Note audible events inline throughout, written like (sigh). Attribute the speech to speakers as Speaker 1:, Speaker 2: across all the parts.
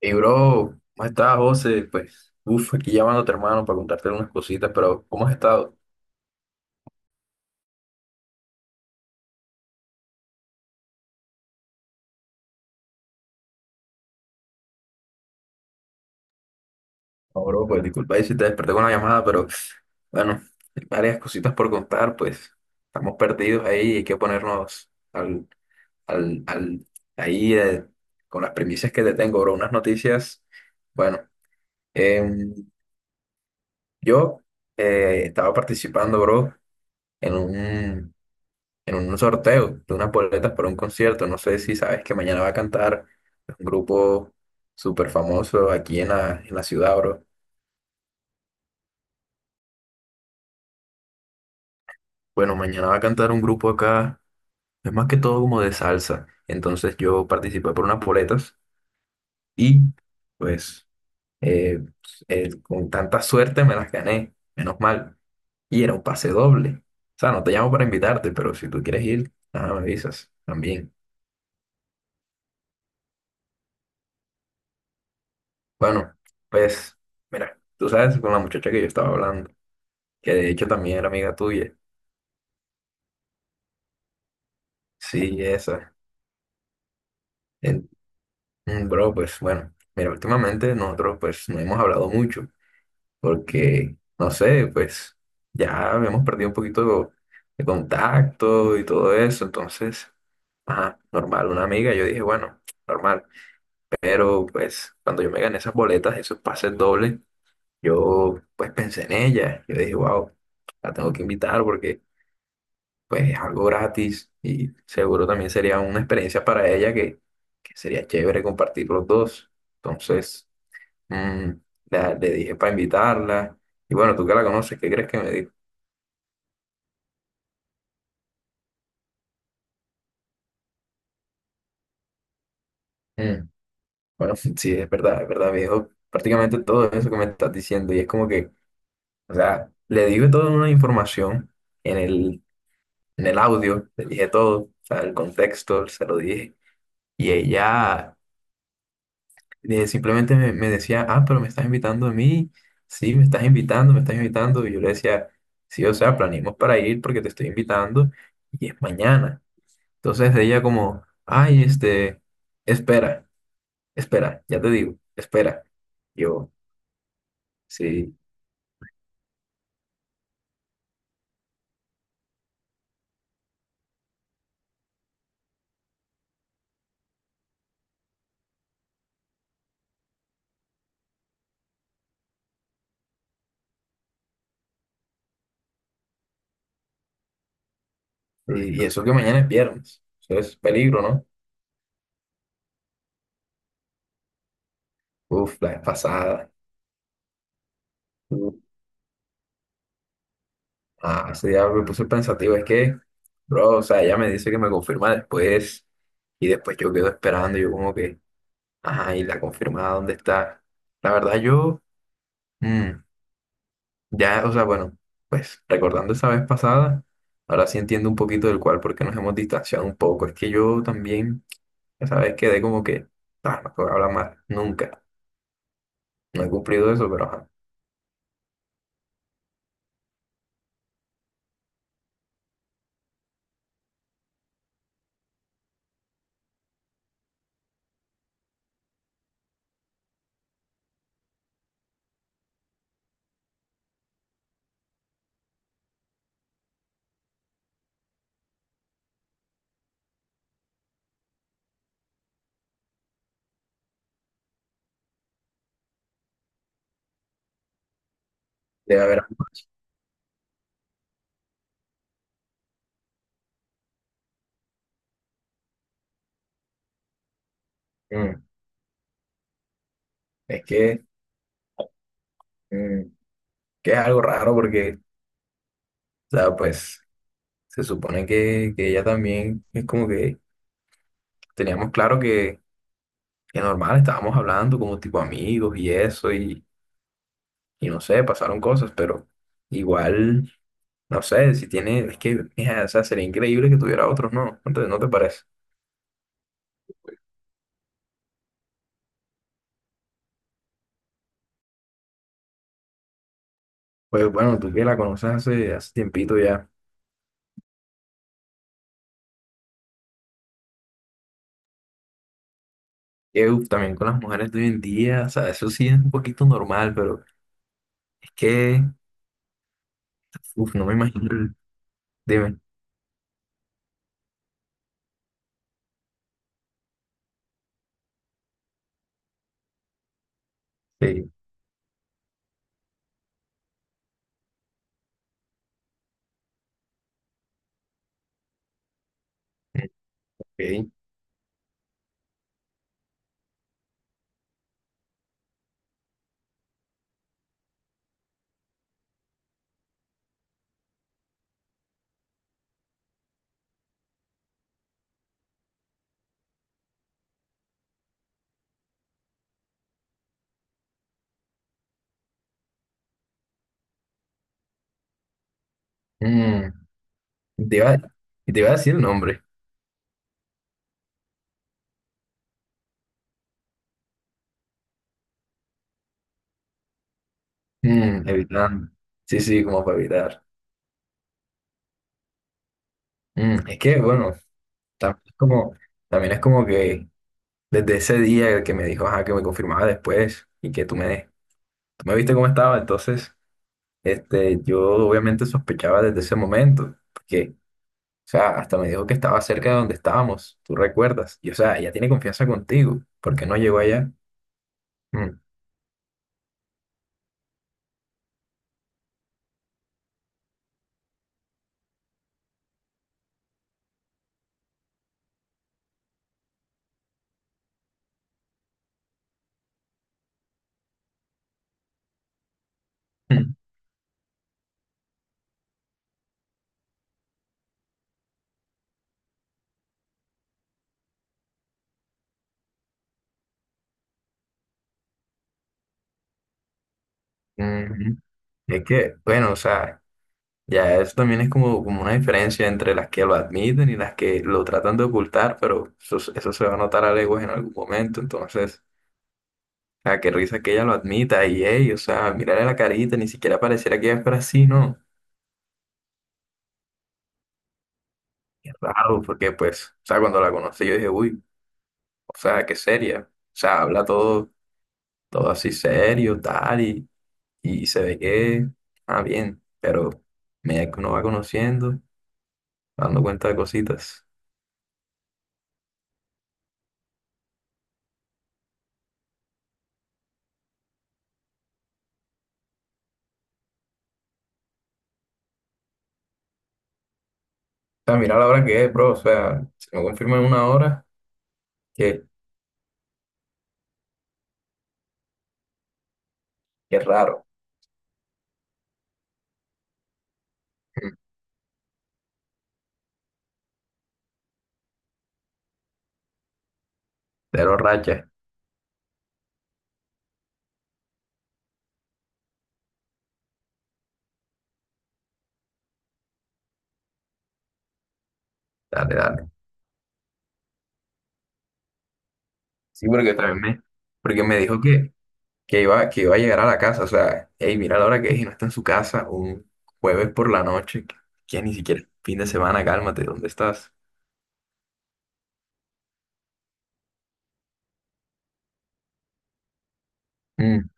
Speaker 1: Y bro, ¿cómo estás, José? Pues, aquí llamando a tu hermano para contarte unas cositas, pero ¿cómo has estado? No, bro, pues disculpa ahí si te desperté con la llamada, pero bueno, hay varias cositas por contar, pues estamos perdidos ahí, hay que ponernos al, al, ahí con las premisas que te tengo, bro, unas noticias. Bueno, em, yo estaba participando, bro, en un, en un sorteo de unas boletas para un concierto. No sé si sabes que mañana va a cantar un grupo súper famoso aquí en la ciudad, bro. Bueno, mañana va a cantar un grupo acá, es más que todo como de salsa. Entonces yo participé por unas boletas y pues eh, con tanta suerte me las gané, menos mal. Y era un pase doble. O sea, no te llamo para invitarte, pero si tú quieres ir, nada, me avisas también. Bueno, pues mira, tú sabes con la muchacha que yo estaba hablando, que de hecho también era amiga tuya. Sí, esa. En- bro, pues bueno, mira, últimamente nosotros pues no hemos hablado mucho porque, no sé, pues ya hemos perdido un poquito de contacto y todo eso, entonces, ajá, normal, una amiga, yo dije, bueno, normal, pero pues cuando yo me gané esas boletas, esos pases dobles, yo pues pensé en ella, yo dije, wow, la tengo que invitar porque pues es algo gratis y seguro también sería una experiencia para ella que sería chévere compartir los dos. Entonces, mm, le dije para invitarla y bueno, tú que la conoces, ¿qué crees que me dijo? Mm. Bueno, (laughs) sí, es verdad, me dijo prácticamente todo eso que me estás diciendo y es como que, o sea, le dije toda una información en el, en el audio, le dije todo, o sea, el contexto, se lo dije y ella simplemente me decía, ah, pero me estás invitando a mí, sí, me estás invitando, me estás invitando. Y yo le decía, sí, o sea, planeamos para ir porque te estoy invitando y es mañana. Entonces ella como, ay, este, espera, espera, ya te digo, espera. Yo, sí, y eso que mañana es viernes, eso es peligro, ¿no? Uf, la vez pasada. Uf, ah, ese día me puse pensativo, es que, bro, o sea, ella me dice que me confirma después y después yo quedo esperando, yo como que... Ah, ¿y la confirmada, dónde está? La verdad, yo, mm, ya, o sea, bueno, pues recordando esa vez pasada, ahora sí entiendo un poquito del cual, porque nos hemos distanciado un poco. Es que yo también, esa vez quedé como que, ah, no puedo hablar más, nunca. No he cumplido eso, pero ajá, debe haber algo. Mm, es que, mm, que es algo raro, porque, o sea, pues, se supone que ella también es como que teníamos claro que normal, estábamos hablando como tipo amigos y eso. Y no sé, pasaron cosas, pero igual, no sé, si tiene, es que, mija, o sea, sería increíble que tuviera otros, ¿no? No te parece? Pues bueno, tú que la conoces hace tiempito ya, que uf, también con las mujeres de hoy en día, o sea, eso sí es un poquito normal, pero es que, uf, no me imagino el- Dime, sí, ok. Mm, te iba a decir el nombre, evitando, sí, sí, como para evitar. Es que, bueno, también es como, también es como que... Desde ese día que me dijo, ajá, que me confirmaba después y que tú me viste cómo estaba, entonces, este, yo obviamente sospechaba desde ese momento, porque, o sea, hasta me dijo que estaba cerca de donde estábamos, tú recuerdas, y o sea, ella tiene confianza contigo, ¿por qué no llegó allá? Mm, mm, mm. mm. Es que, bueno, o sea, ya eso también es como, como una diferencia entre las que lo admiten y las que lo tratan de ocultar, pero eso se va a notar a leguas en algún momento, entonces... Ah, qué risa que ella lo admita y ey, o sea, mirarle la carita, ni siquiera pareciera que ella fuera así, ¿no? Qué raro, porque pues, o sea, cuando la conocí yo dije, uy, o sea, qué seria. O sea, habla todo, todo así serio, tal, y se ve que, ah, bien, pero me uno va conociendo, dando cuenta de cositas. O sea, mira la hora que es, bro, o sea, si me confirman en una hora, qué, qué raro. Pero racha, dale, dale. Sí, porque también me, porque me dijo que que iba a llegar a la casa. O sea, hey, mira la hora que es y no está en su casa un jueves por la noche, que ni siquiera es fin de semana, cálmate, ¿dónde estás? Mm.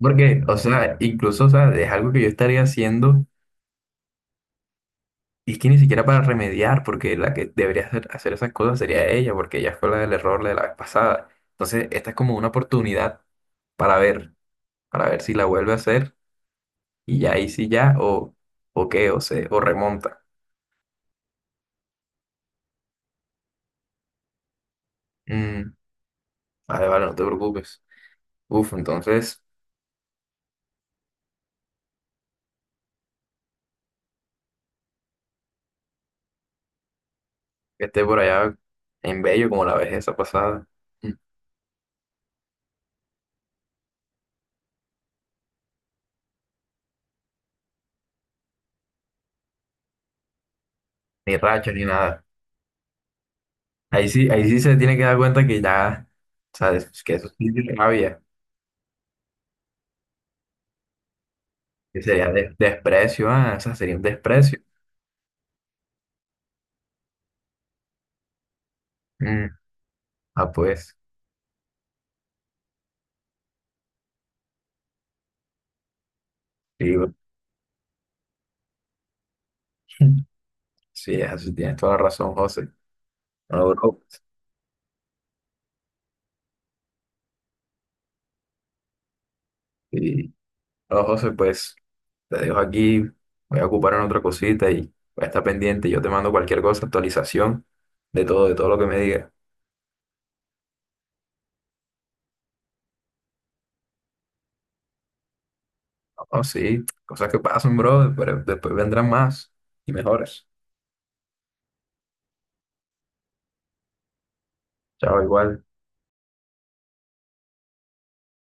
Speaker 1: Porque, o sea, incluso, o sea, es algo que yo estaría haciendo y es que ni siquiera para remediar, porque la que debería hacer esas cosas sería ella, porque ella fue la del error de la vez pasada. Entonces, esta es como una oportunidad para ver, para ver si la vuelve a hacer y ya ahí sí ya, o qué, o remonta. Mm, vale, vale, no te preocupes. Uf, entonces, que esté por allá en Bello como la vez esa pasada. Mm. Ni racha ni nada. Ahí sí se tiene que dar cuenta que ya, sabes, que eso sí es rabia, que sería desprecio, ah, o sea, sería un desprecio. Mm. Ah, pues, sí, bueno. (laughs) sí, eso sí, tienes toda la razón, José. Bueno, bro, sí. Bueno, José, pues, te dejo aquí, voy a ocupar en otra cosita y voy a estar pendiente. Yo te mando cualquier cosa, actualización de todo lo que me digas. Oh, sí, cosas que pasan, bro, pero después vendrán más y mejores. Chao, igual.